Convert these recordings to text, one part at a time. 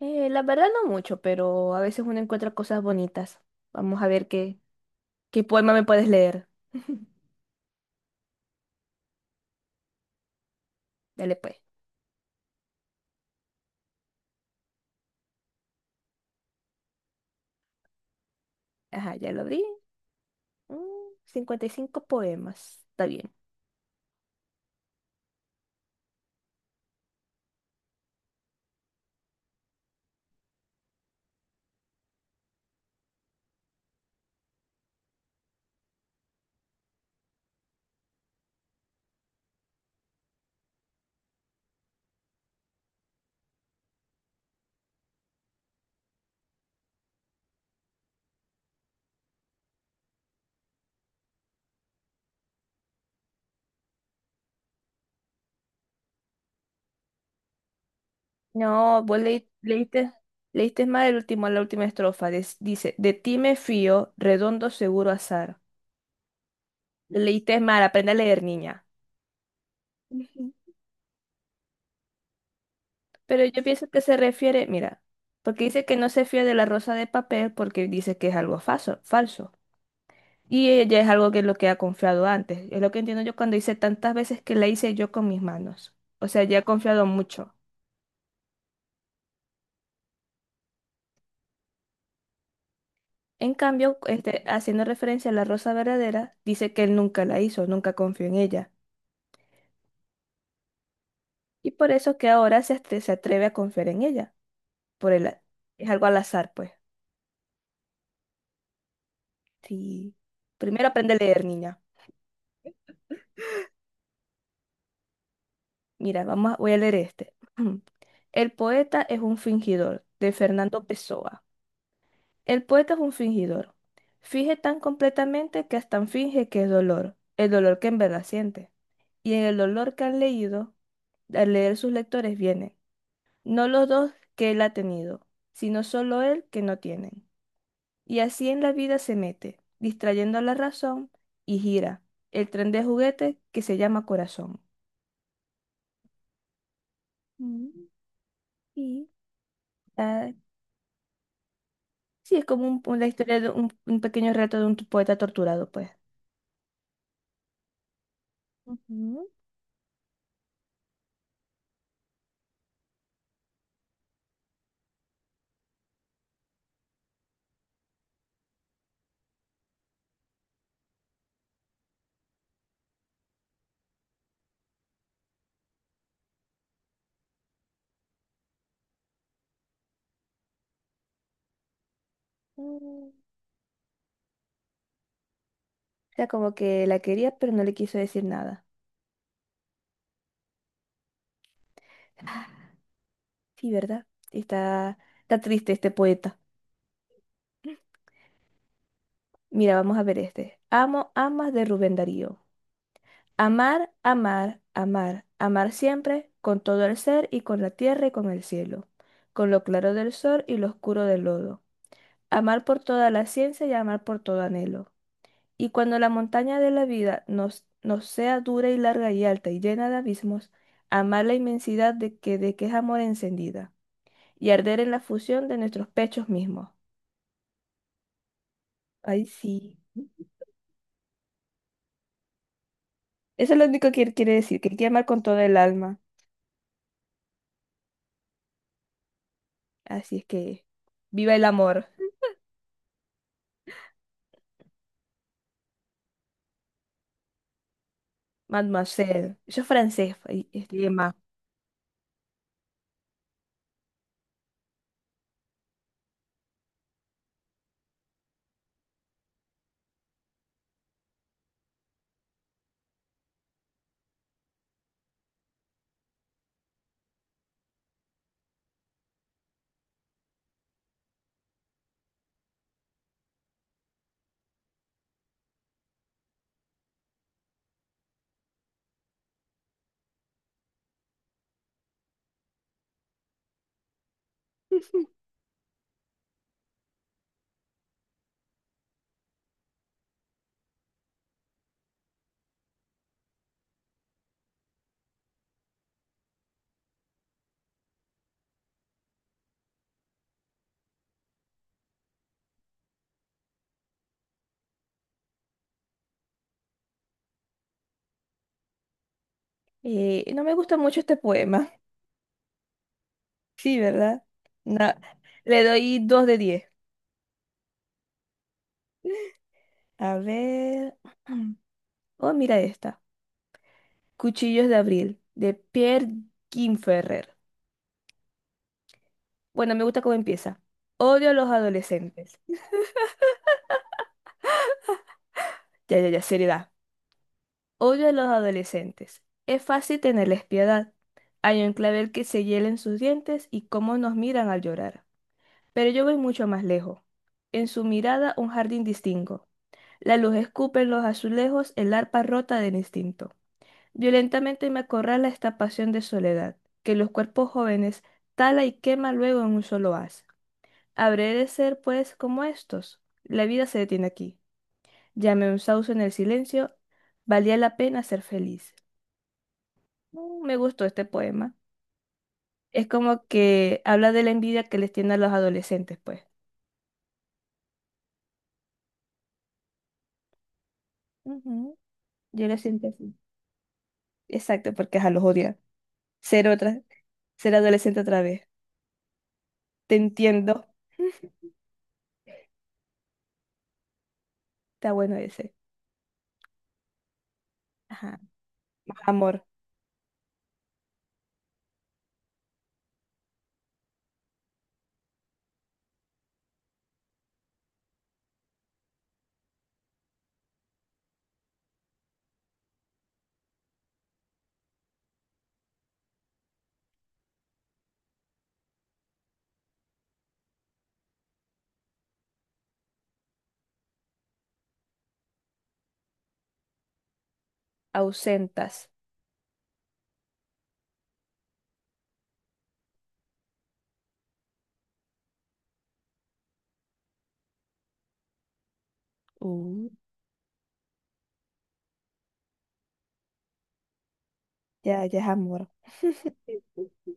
La verdad no mucho, pero a veces uno encuentra cosas bonitas. Vamos a ver qué poema me puedes leer. Dale pues. Ajá, ya lo abrí. Mm, 55 poemas. Está bien. No, leíste, leíste más el último, la última estrofa. Dice, de ti me fío, redondo seguro azar. Leíste mal, aprende a leer, niña. Ujú. Pero yo pienso que se refiere, mira, porque dice que no se fía de la rosa de papel porque dice que es algo falso, falso. Y ella es algo que es lo que ha confiado antes. Es lo que entiendo yo cuando dice tantas veces que la hice yo con mis manos. O sea, ya ha confiado mucho. En cambio, este, haciendo referencia a la rosa verdadera, dice que él nunca la hizo, nunca confió en ella. Y por eso que ahora se atreve a confiar en ella. Por el, a- es algo al azar, pues. Sí. Primero aprende a leer, niña. Mira, voy a leer este. El poeta es un fingidor, de Fernando Pessoa. El poeta es un fingidor. Finge tan completamente que hasta finge que es dolor, el dolor que en verdad siente. Y en el dolor que han leído, al leer sus lectores vienen, no los dos que él ha tenido, sino solo él que no tienen. Y así en la vida se mete, distrayendo la razón y gira el tren de juguete que se llama corazón. Mm, y ah, sí, es como una historia de un pequeño reto de un poeta torturado, pues. Ujú. Mm. O sea, como que la quería, pero no le quiso decir nada. Ah, sí, ¿verdad? Está, está triste este poeta. Mira, vamos a ver este. Amo, amas de Rubén Darío. Amar, amar, amar, amar siempre, con todo el ser y con la tierra y con el cielo, con lo claro del sol y lo oscuro del lodo. Amar por toda la ciencia y amar por todo anhelo. Y cuando la montaña de la vida nos sea dura y larga y alta y llena de abismos, amar la inmensidad de que es amor encendida, y arder en la fusión de nuestros pechos mismos. Ay, sí. Eso es lo único que él quiere decir, que él quiere amar con todo el alma. Así es que viva el amor, mademoiselle. Yo es francés, este lema. No me gusta mucho este poema. Sí, ¿verdad? No, le doy 2 de 10. A ver. Oh, mira esta. Cuchillos de abril, de Pierre Ferrer. Bueno, me gusta cómo empieza. Odio a los adolescentes. Ya, ya, ya, seriedad. Odio a los adolescentes. Es fácil tenerles piedad. Hay un clavel que se hielen sus dientes y cómo nos miran al llorar. Pero yo voy mucho más lejos. En su mirada un jardín distingo. La luz escupe en los azulejos el arpa rota del instinto. Violentamente me acorrala esta pasión de soledad, que los cuerpos jóvenes tala y quema luego en un solo haz. Habré de ser, pues, como estos. La vida se detiene aquí. Llamé un sauce en el silencio. Valía la pena ser feliz. Mm, me gustó este poema. Es como que habla de la envidia que les tiene a los adolescentes, pues. Ujú, yo lo siento así. Exacto, porque a los odia. Ser otra, ser adolescente otra vez. Te entiendo. Está bueno ese. Ajá. Más amor. Ausentas. Uh, ya, ya es amor. Sí, sí.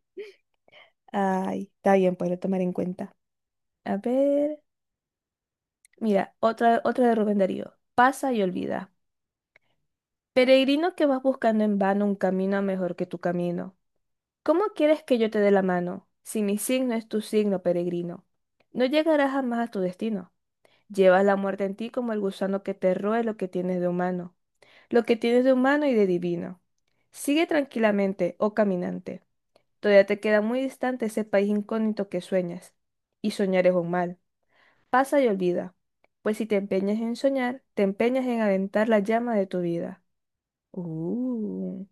Ay, está bien, pues lo tomar en cuenta. A ver. Mira, otra de Rubén Darío. Pasa y olvida. Peregrino que vas buscando en vano un camino mejor que tu camino. ¿Cómo quieres que yo te dé la mano si mi signo es tu signo peregrino? No llegarás jamás a tu destino. Llevas la muerte en ti como el gusano que te roe lo que tienes de humano, lo que tienes de humano y de divino. Sigue tranquilamente, oh caminante. Todavía te queda muy distante ese país incógnito que sueñas. Y soñar es un mal. Pasa y olvida. Pues si te empeñas en soñar, te empeñas en aventar la llama de tu vida. Uh,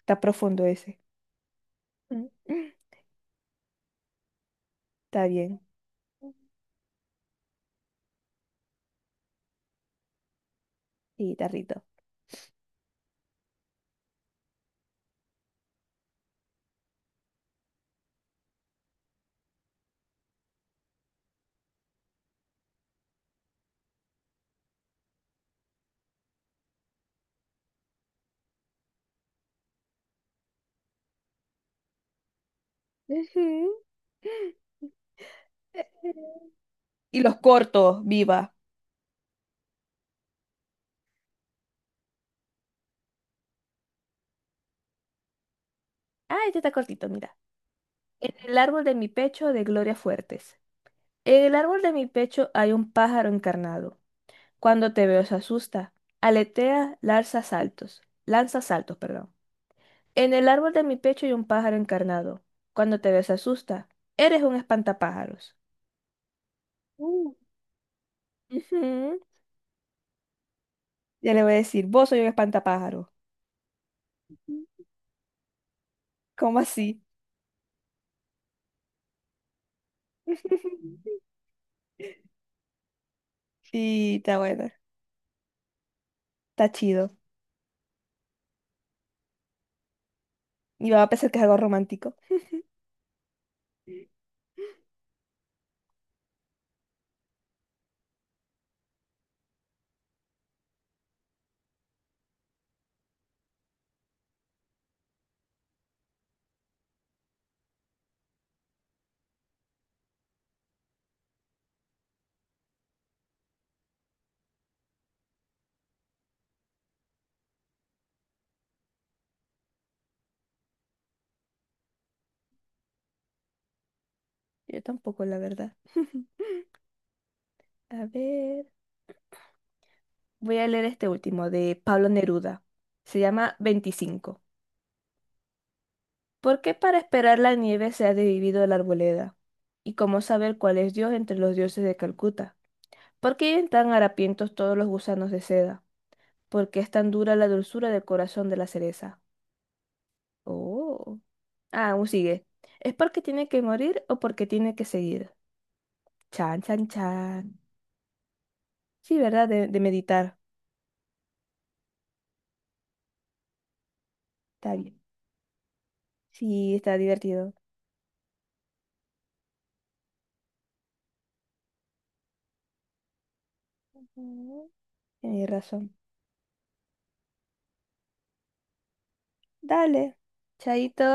está profundo ese. Está bien. Sí, tarrito. Ujú. Y los cortos, viva. Ah, este está cortito, mira. En el árbol de mi pecho de Gloria Fuertes. En el árbol de mi pecho hay un pájaro encarnado. Cuando te veo se asusta. Aletea, lanza saltos. Lanza saltos, perdón. En el árbol de mi pecho hay un pájaro encarnado. Cuando te veo se asusta. Eres un espantapájaros. Uh. Ujú. Ya le voy a decir, vos soy un espantapájaro. ¿Cómo así? Y está bueno. Está chido. Y va a pensar que es algo romántico. Yo tampoco, la verdad. A ver, voy a leer este último de Pablo Neruda. Se llama 25. ¿Por qué para esperar la nieve se ha dividido la arboleda? ¿Y cómo saber cuál es Dios entre los dioses de Calcuta? ¿Por qué viven tan harapientos todos los gusanos de seda? ¿Por qué es tan dura la dulzura del corazón de la cereza? Oh. Ah, aún sigue. ¿Es porque tiene que morir o porque tiene que seguir? Chan, chan, chan. Sí, ¿verdad? De meditar. Está bien. Sí, está divertido. Ujú. Tienes razón. Dale. Chaito.